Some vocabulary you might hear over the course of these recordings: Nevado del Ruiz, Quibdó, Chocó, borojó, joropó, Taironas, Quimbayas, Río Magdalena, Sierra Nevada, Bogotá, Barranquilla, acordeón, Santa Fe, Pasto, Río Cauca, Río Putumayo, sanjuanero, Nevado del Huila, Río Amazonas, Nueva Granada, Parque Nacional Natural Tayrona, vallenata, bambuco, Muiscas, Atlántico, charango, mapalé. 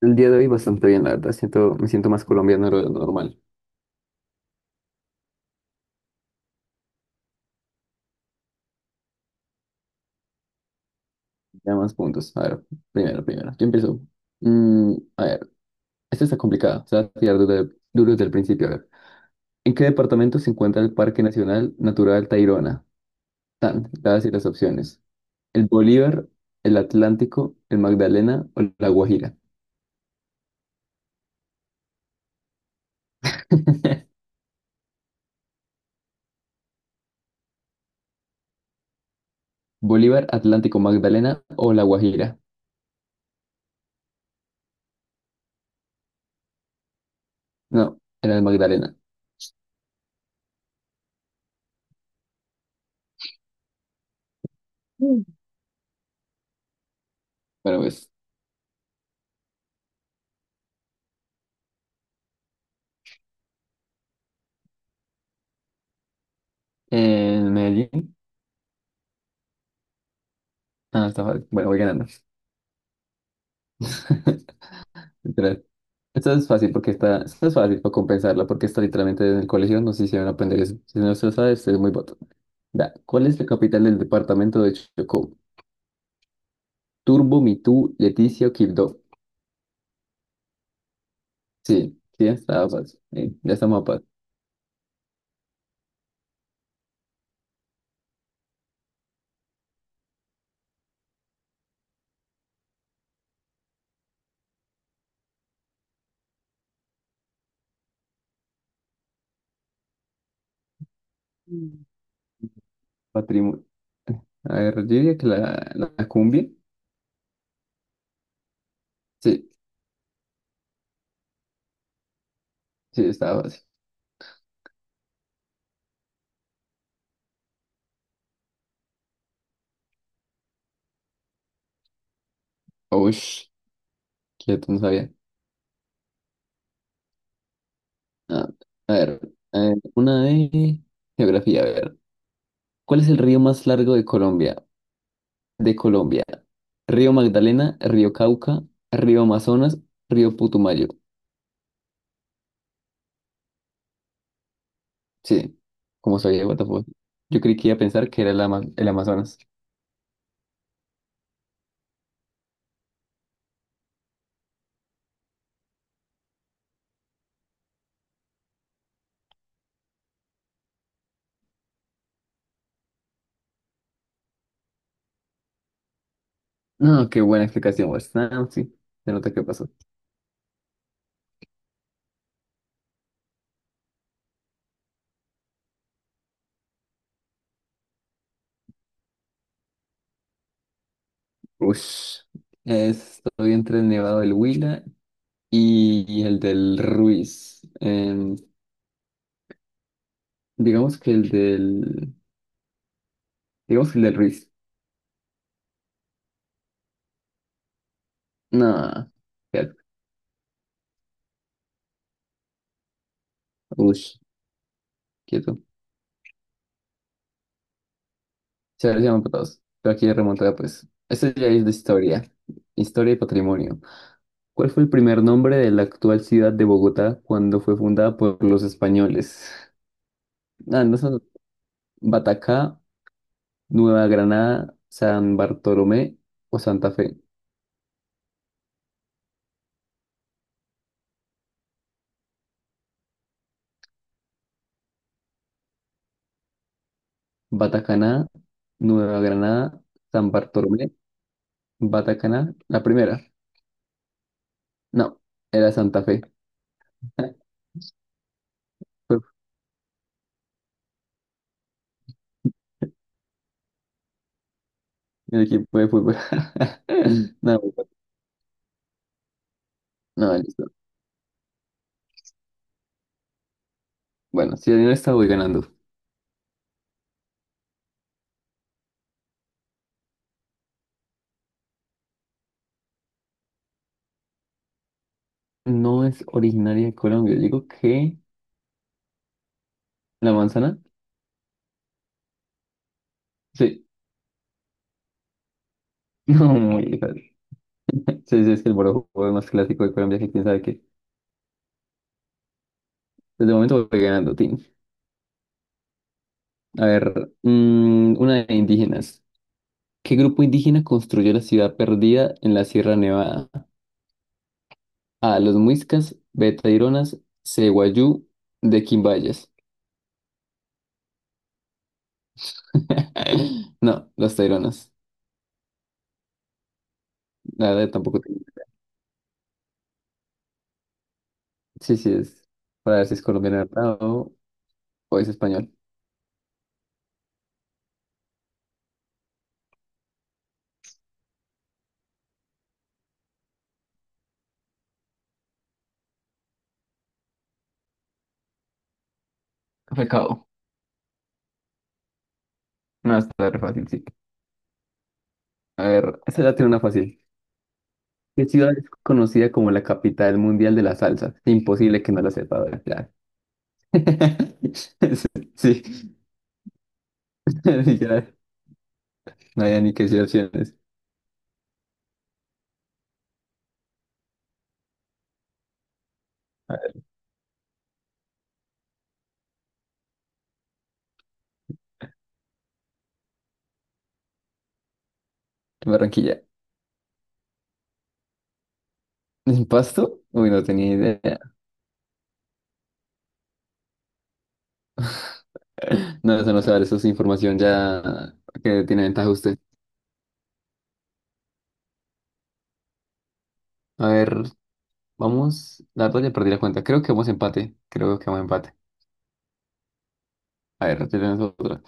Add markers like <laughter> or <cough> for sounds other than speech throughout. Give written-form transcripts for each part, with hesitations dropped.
El día de hoy bastante bien, la verdad. Me siento más colombiano de lo normal. Ya más puntos. A ver, primero, primero. Yo empiezo. A ver, esto está complicado. Se va a tirar duro, duro desde el principio. A ver. ¿En qué departamento se encuentra el Parque Nacional Natural Tayrona? Tan, te voy a decir las opciones. ¿El Bolívar, el Atlántico, el Magdalena o la Guajira? <laughs> Bolívar, Atlántico, Magdalena o la Guajira. No, era el Magdalena. Mm. Bueno, pues. ¿En Medellín? Ah, está fácil. Bueno, voy ganando. <laughs> Literal. Esta es fácil porque esta es fácil para compensarla porque está literalmente en el colegio, no sé si van a aprender eso. Si no se lo sabes, es muy boto. Da, ¿cuál es la capital del departamento de Chocó? Turbo, Mitú, Leticia o Quibdó. Sí, sí, estaba fácil. Ya estamos a patrimonio. A ver, yo diría que la cumbia. Sí, sí, estaba fácil. Uy, quieto, no sabía. Ah, a ver, una de geografía, a ver. ¿Cuál es el río más largo de Colombia? De Colombia. Río Magdalena, Río Cauca, Río Amazonas, Río Putumayo. Sí, como sabía, what the fuck. Yo creí que iba a pensar que era el Amazonas. No, qué buena explicación, Wes. Ah, sí, se nota qué pasó. Ush. Estoy entre el Nevado del Huila y el del Ruiz. Digamos que el del... Digamos que el del Ruiz. No, quieto. Ush, quieto. Se los llaman patados. Pero aquí remontada, pues. Esto ya es de historia. Historia y patrimonio. ¿Cuál fue el primer nombre de la actual ciudad de Bogotá cuando fue fundada por los españoles? Ah, no son Batacá, Nueva Granada, San Bartolomé o Santa Fe. Batacaná, Nueva Granada, San Bartolomé, Batacaná, la primera. No, era Santa Fe. <laughs> Fue El equipo de fútbol. <laughs> No, no, listo. Bueno, si no está, voy ganando. No es originaria de Colombia. Yo digo que la manzana. Sí, <laughs> no, muy fácil. Sí, sí, es que el borojó es más clásico de Colombia que quién sabe qué. Desde el momento voy ganando, Tim. A ver, mm, una de indígenas. ¿Qué grupo indígena construyó la ciudad perdida en la Sierra Nevada? A. Los Muiscas, B. Taironas, C. Guayú, D. Quimbayas. <laughs> No, los Taironas. La verdad tampoco. Sí, sí, es. Para ver si es colombiano, ¿verdad? O es español. Pecado. No, está re fácil, sí. A ver, esta ya tiene una fácil. ¿Qué ciudad es conocida como la capital mundial de la salsa? Imposible que no la sepa, ¿verdad? Ya. <laughs> Sí, <laughs> ya. No hay ni que decir opciones. A ver, Barranquilla. ¿Pasto? Uy, no tenía idea. No, eso no sabe, eso es información ya que tiene ventaja usted. A ver, vamos. La verdad ya perdí la cuenta. Creo que vamos a empate. Creo que vamos a empate. A ver, tenemos otra.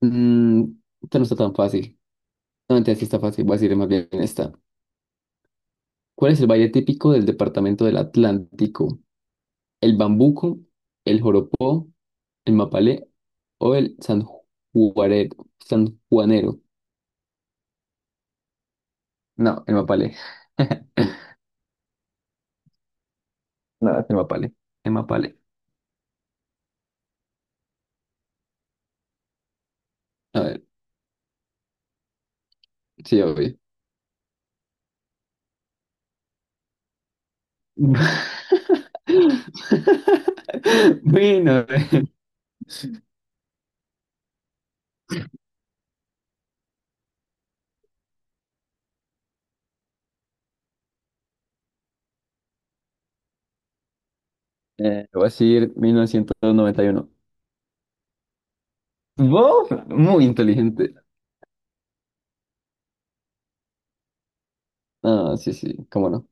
Mm, esta no está tan fácil. No, mentira, sí está fácil. Voy a decir más bien esta. ¿Cuál es el baile típico del departamento del Atlántico? ¿El bambuco, el joropó, el mapalé o el sanjuarero? Sanjuanero. No, el mapalé. <laughs> No, es el mapalé. El mapalé. A ver, sí, obvio. <laughs> Bueno, voy a decir 1991. ¿Vos? Muy inteligente. Ah, sí, sí, cómo no.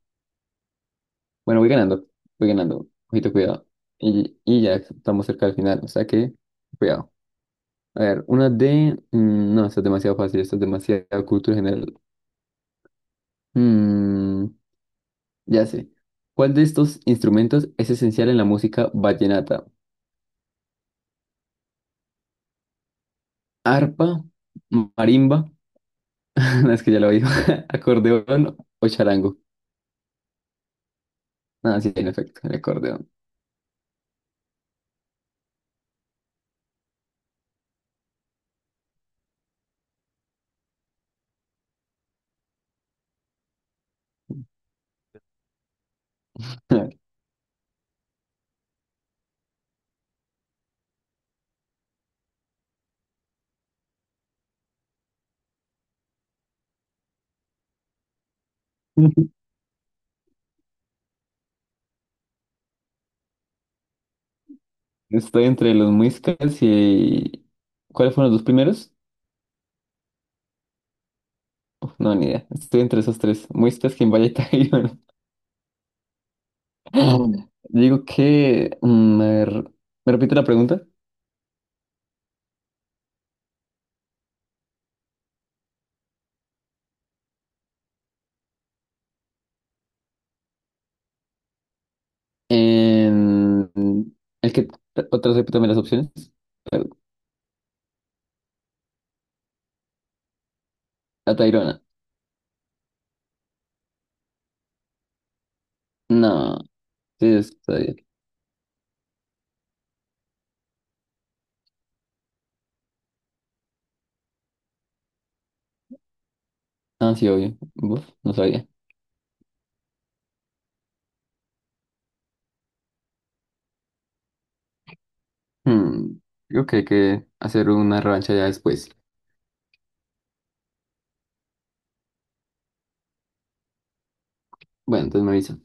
Bueno, voy ganando, voy ganando. Ojito, cuidado. Y ya estamos cerca del final, o sea que, cuidado. A ver, una de... no, esto es demasiado fácil, esto es demasiado cultura general. Mm, ya sé. ¿Cuál de estos instrumentos es esencial en la música vallenata? ¿Arpa, marimba, <laughs> no, es que ya lo digo, <laughs> acordeón o charango? Ah, sí, en efecto, el acordeón. <laughs> Estoy entre los muiscas y... ¿Cuáles fueron los dos primeros? Uf, no, ni idea. Estoy entre esos tres. Muistas, Quimbaya y Tayrona. <laughs> Digo que... a ver, ¿me repite la pregunta? En... El que... Otra vez repítame las opciones. La Tayrona. No. Sí, está bien. Ah, sí, obvio. Uf, no sabía. Hmm, Digo que hay que hacer una revancha ya después. Bueno, entonces me avisa.